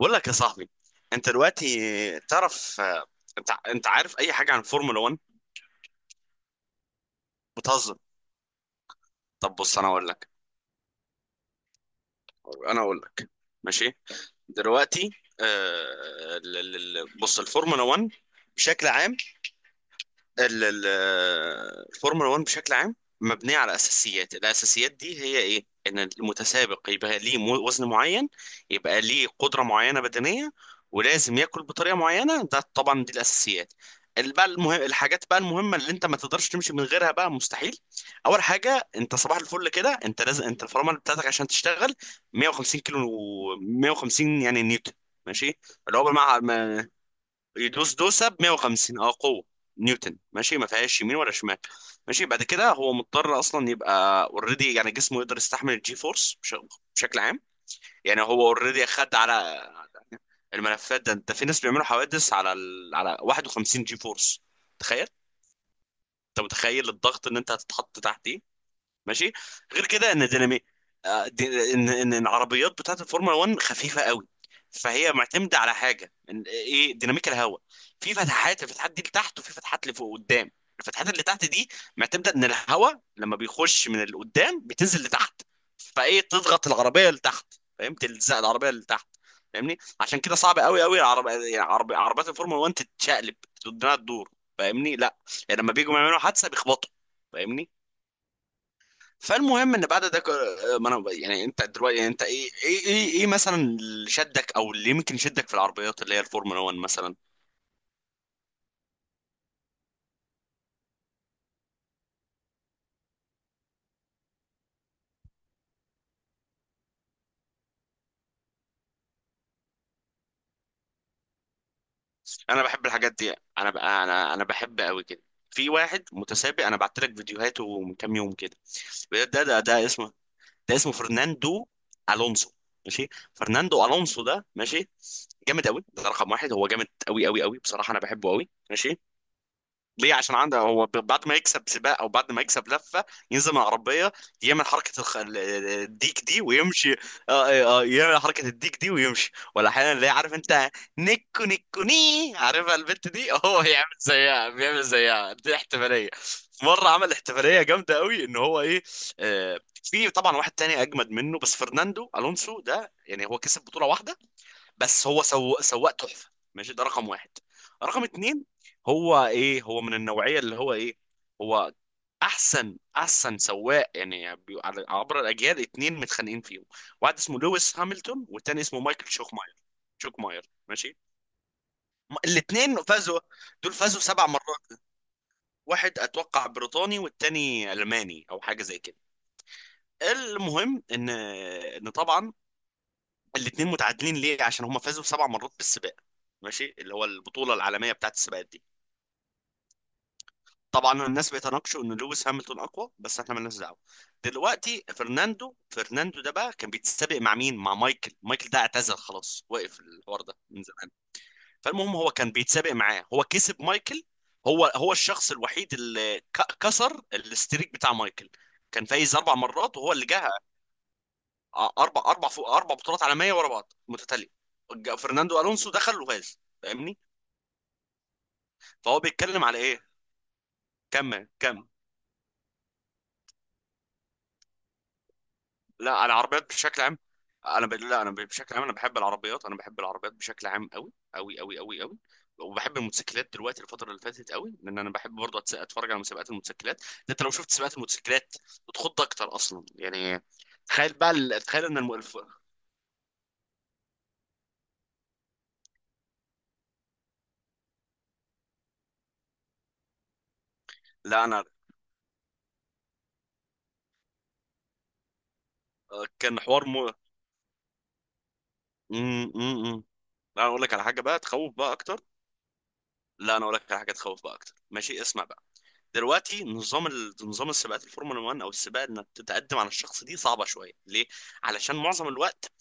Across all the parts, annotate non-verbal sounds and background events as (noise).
بقول لك يا صاحبي، انت دلوقتي تعرف آه، انت عارف اي حاجه عن فورمولا 1؟ بتهزر. طب بص، انا اقول لك. ماشي. دلوقتي بص الفورمولا 1 بشكل عام. ال- ال- الفورمولا 1 بشكل عام مبنيه على اساسيات. الاساسيات دي هي ايه؟ ان المتسابق يبقى ليه وزن معين، يبقى ليه قدره معينه بدنيه، ولازم ياكل بطريقه معينه. ده طبعا دي الاساسيات. الحاجات بقى المهمه اللي انت ما تقدرش تمشي من غيرها بقى مستحيل. اول حاجه، انت صباح الفل كده انت لازم انت الفرامل بتاعتك عشان تشتغل 150 كيلو، 150 يعني نيوتن. ماشي، اللي هو بمعنى يدوس دوسه ب 150 اه قوه نيوتن. ماشي، ما فيهاش يمين ولا شمال. ماشي، بعد كده هو مضطر اصلا يبقى اوريدي، يعني جسمه يقدر يستحمل الجي فورس بشكل عام. يعني هو اوريدي خد على الملفات ده. انت في ناس بيعملوا حوادث على على 51 جي فورس. تخيل، انت متخيل الضغط ان انت هتتحط تحت؟ ماشي. غير كده ان دينامي آه، ان ان إن العربيات بتاعت الفورمولا 1 خفيفه قوي، فهي معتمده على حاجه إن ايه؟ ديناميك الهواء. في فتحات، الفتحات دي لتحت، وفي فتحات لفوق قدام. الفتحات اللي تحت دي معتمده ان الهواء لما بيخش من القدام بتنزل لتحت، فايه؟ تضغط العربيه لتحت. فاهم؟ تلزق العربيه لتحت. فاهمني؟ عشان كده صعب قوي يعني عربيات الفورمولا 1 تتشقلب، انها تدور. فاهمني؟ لا يعني لما بيجوا يعملوا حادثه بيخبطوا. فاهمني؟ فالمهم ان بعد ده ما انا يعني، انت دلوقتي يعني، انت إيه مثلا اللي شدك او اللي يمكن يشدك في العربيات اللي هي الفورمولا 1 مثلا؟ انا بحب الحاجات دي. انا بحب قوي كده. في واحد متسابق انا بعت لك فيديوهاته من كام يوم كده. ده اسمه، ده اسمه فرناندو الونسو. ماشي، فرناندو الونسو ده ماشي جامد قوي. ده رقم واحد. هو جامد قوي بصراحه، انا بحبه قوي. ماشي، ليه؟ عشان عنده هو بعد ما يكسب سباق او بعد ما يكسب لفه، ينزل من العربيه يعمل حركه الديك دي ويمشي. آه آه، آه، يعمل حركه الديك دي ويمشي، ولا احيانا اللي عارف انت نيكو نيكو ني، عارفها البت دي؟ (laughs) هو يعمل زيها، بيعمل زيها. دي احتفاليه. مره عمل احتفاليه جامده قوي، ان هو ايه؟ آه في طبعا واحد تاني اجمد منه، بس فرناندو الونسو ده يعني هو كسب بطوله واحده، بس هو سواق تحفه. ماشي، ده رقم واحد. رقم اتنين، هو ايه؟ هو من النوعيه اللي هو ايه؟ هو احسن احسن سواق، يعني عبر الاجيال. اتنين متخانقين فيهم: واحد اسمه لويس هامilton، والتاني اسمه مايكل شوكماير، شوكماير. ماشي، الاتنين فازوا. دول فازوا سبع مرات. واحد اتوقع بريطاني، والتاني الماني او حاجه زي كده. المهم ان، ان طبعا الاتنين متعادلين ليه؟ عشان هم فازوا سبع مرات بالسباق. ماشي، اللي هو البطوله العالميه بتاعت السباقات دي. طبعا الناس بيتناقشوا ان لويس هامilton اقوى، بس احنا مالناش دعوه. دلوقتي فرناندو ده بقى كان بيتسابق مع مين؟ مع مايكل. مايكل ده اعتزل خلاص، وقف الحوار ده من زمان. فالمهم هو كان بيتسابق معاه، هو كسب مايكل. هو الشخص الوحيد اللي كسر الاستريك بتاع مايكل. كان فايز اربع مرات وهو اللي جه. اربع اربع فوق اربع بطولات عالميه ورا بعض متتاليه. فرناندو الونسو دخل وفاز. فاهمني؟ فهو بيتكلم على ايه؟ كم كم؟ لا، على العربيات بشكل عام. لا بشكل عام، انا بحب العربيات. انا بحب العربيات بشكل عام قوي. وبحب الموتوسيكلات دلوقتي، الفتره اللي فاتت قوي، لان انا بحب برضه اتفرج على مسابقات الموتوسيكلات. انت لو شفت سباقات الموتوسيكلات بتخض اكتر اصلا يعني. تخيل بقى تخيل ان لا انا آه، كان حوار مو م... م... م. لا انا اقول لك على حاجه بقى تخوف بقى اكتر. لا انا اقول لك على حاجه تخوف بقى اكتر. ماشي، اسمع بقى. دلوقتي نظام نظام السباقات الفورمولا 1 او السباق، انك تتقدم على الشخص دي صعبه شويه، ليه؟ علشان معظم الوقت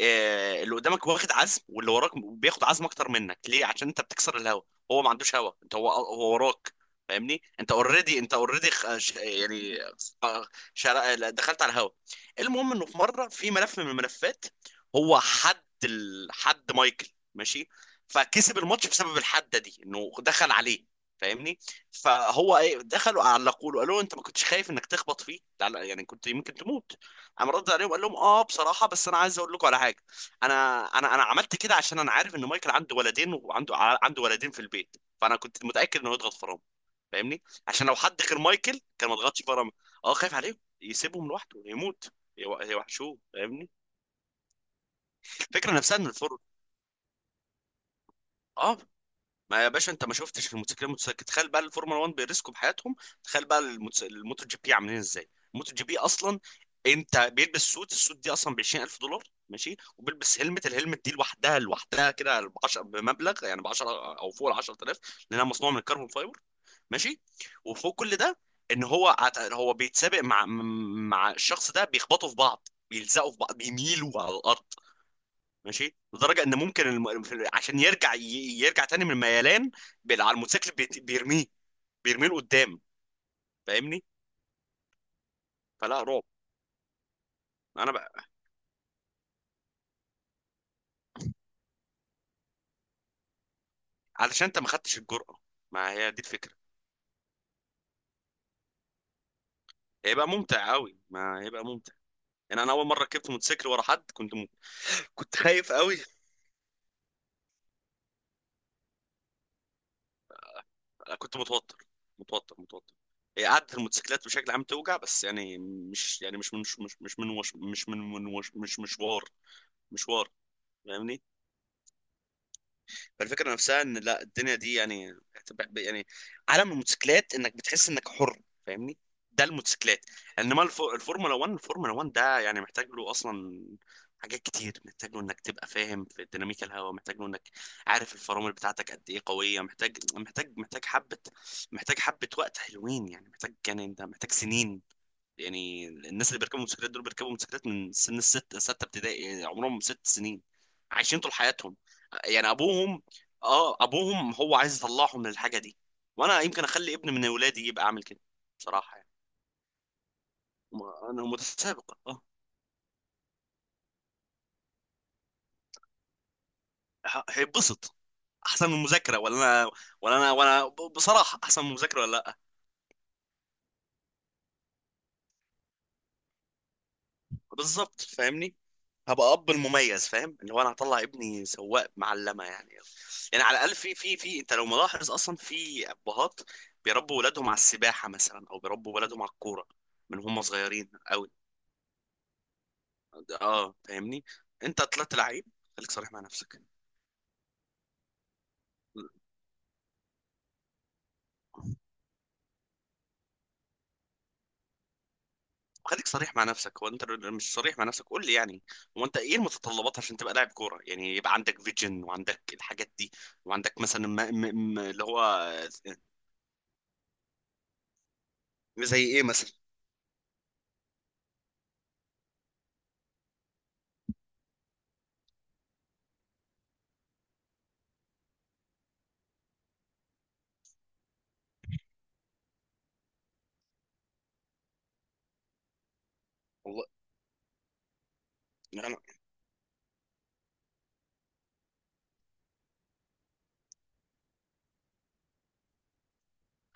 آه، اللي قدامك واخد عزم واللي وراك بياخد عزم اكتر منك، ليه؟ عشان انت بتكسر الهوا. هو ما عندوش هوا، انت هو وراك. فاهمني؟ انت اوريدي، انت اوريدي يعني خ- دخلت على الهوا. المهم انه في مره في ملف من الملفات، هو حد حد مايكل. ماشي، فكسب الماتش بسبب الحده دي انه دخل عليه. فاهمني؟ فهو ايه؟ دخلوا علقوا له، قالوا له: انت ما كنتش خايف انك تخبط فيه؟ لا لا، يعني كنت يمكن تموت. قام رد عليهم قال لهم: اه بصراحه، بس انا عايز اقول لكم على حاجه. انا انا عملت كده عشان انا عارف ان مايكل عنده ولدين، وعنده عنده ولدين في البيت، فانا كنت متاكد انه يضغط فرامل. فاهمني؟ عشان لو حد غير مايكل كان ما ضغطش فرامل. اه، خايف عليهم يسيبهم لوحده يموت، يوحشوه. فاهمني؟ الفكره نفسها ان الفرن، اه، ما يا باشا انت ما شفتش الموتوسيكلات المتسابقه؟ تخيل بقى الفورمولا 1 بيرسكوا بحياتهم. تخيل بقى الموتو جي بي عاملين ازاي. الموتو جي بي اصلا، انت بيلبس سوت، السوت دي اصلا ب 20,000 دولار. ماشي، وبيلبس هلمت، الهلمت دي لوحدها، لوحدها كده ب 10، بمبلغ يعني ب 10 او فوق ال 10,000، لانها مصنوعه من الكربون فايبر. ماشي، وفوق كل ده، ان هو هو بيتسابق مع مع الشخص ده، بيخبطوا في بعض، بيلزقوا في بعض، بيميلوا على الارض. ماشي، لدرجه ان ممكن عشان يرجع يرجع تاني من الميلان على الموتوسيكل بيرميه، بيرميه لقدام. فاهمني؟ فلا رعب. انا بقى علشان انت ما خدتش الجرأه. ما هي دي الفكره. هيبقى ممتع قوي، ما هيبقى ممتع يعني. انا اول مره ركبت موتوسيكل ورا حد كنت كنت خايف قوي، كنت متوتر متوتر. هي قعدة الموتوسيكلات بشكل عام توجع، بس يعني مش يعني مش من مش مش من وش مش من من وش مش مشوار، مشوار. فاهمني؟ فالفكره نفسها ان لا، الدنيا دي يعني، يعني عالم الموتوسيكلات انك بتحس انك حر. فاهمني؟ ده الموتوسيكلات. انما الفورمولا 1 ده يعني محتاج له اصلا حاجات كتير. محتاج له انك تبقى فاهم في ديناميكا الهواء، محتاج له انك عارف الفرامل بتاعتك قد ايه قويه، محتاج حبه، محتاج حبه وقت حلوين. يعني محتاج، يعني انت محتاج سنين. يعني الناس اللي بيركبوا موتوسيكلات دول بيركبوا موتوسيكلات من سن الست ستة ابتدائي، يعني عمرهم ست سنين، عايشين طول حياتهم. يعني ابوهم، اه ابوهم هو عايز يطلعهم من الحاجة دي. وانا يمكن اخلي ابن من اولادي يبقى عامل كده، بصراحة يعني. م- انا متسابق، اه هيتبسط. احسن من المذاكرة ولا؟ انا، ولا انا، ولا بصراحة احسن من المذاكرة ولا لا. بالظبط فاهمني. هبقى اب المميز، فاهم اللي هو انا هطلع ابني سواق معلمه يعني. يعني على الاقل، في في انت لو ملاحظ اصلا في ابهات بيربوا ولادهم على السباحه مثلا، او بيربوا ولادهم على الكوره، من هم صغيرين قوي. اه فاهمني، انت طلعت لعيب. خليك صريح مع نفسك. خليك صريح مع نفسك، هو انت مش صريح مع نفسك؟ قول لي يعني. هو انت ايه المتطلبات عشان تبقى لاعب كوره؟ يعني يبقى عندك فيجن، وعندك الحاجات دي، وعندك مثلا، ما اللي هو. زي ايه مثلا؟ والله يعني.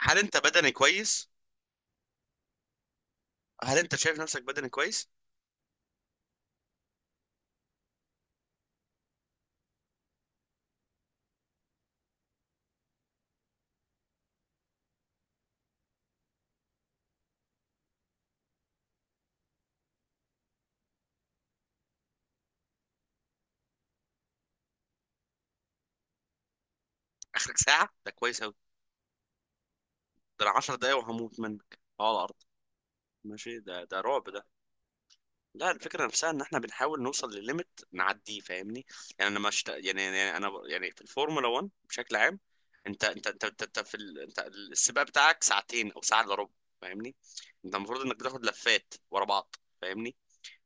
هل انت بدني كويس؟ هل انت شايف نفسك بدني كويس؟ اخرك ساعه ده كويس اوي. ده انا 10 دقايق وهموت منك آه، على الارض. ماشي، ده رعب ده. لا، الفكره نفسها ان احنا بنحاول نوصل لليميت نعديه. فاهمني؟ يعني انا مش يعني، يعني انا يعني، في الفورمولا 1 بشكل عام انت في انت السباق بتاعك ساعتين او ساعه الا ربع. فاهمني؟ انت المفروض انك بتاخد لفات ورا بعض. فاهمني؟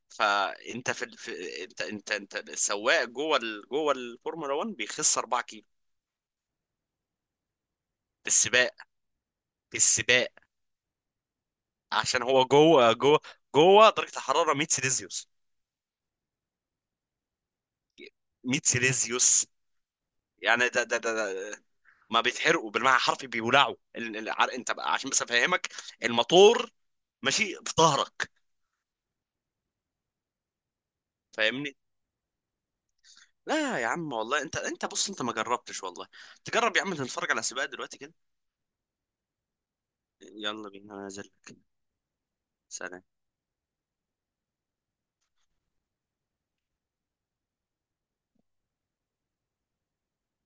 فانت في, في انت السواق جوه جوه الفورمولا 1 بيخس 4 كيلو بالسباق، بالسباق. عشان هو جوه جوه، جوه درجة الحرارة 100 سيليزيوس، 100 سيليزيوس. يعني ده ما بيتحرقوا بالمعنى الحرفي، بيولعوا انت بقى عشان بس افهمك، الموتور ماشي في ظهرك. فاهمني؟ لا يا عم والله، انت انت بص، انت ما جربتش والله. تجرب يا عم، نتفرج على سباق دلوقتي كده. يلا بينا، انا نازل لك. سلام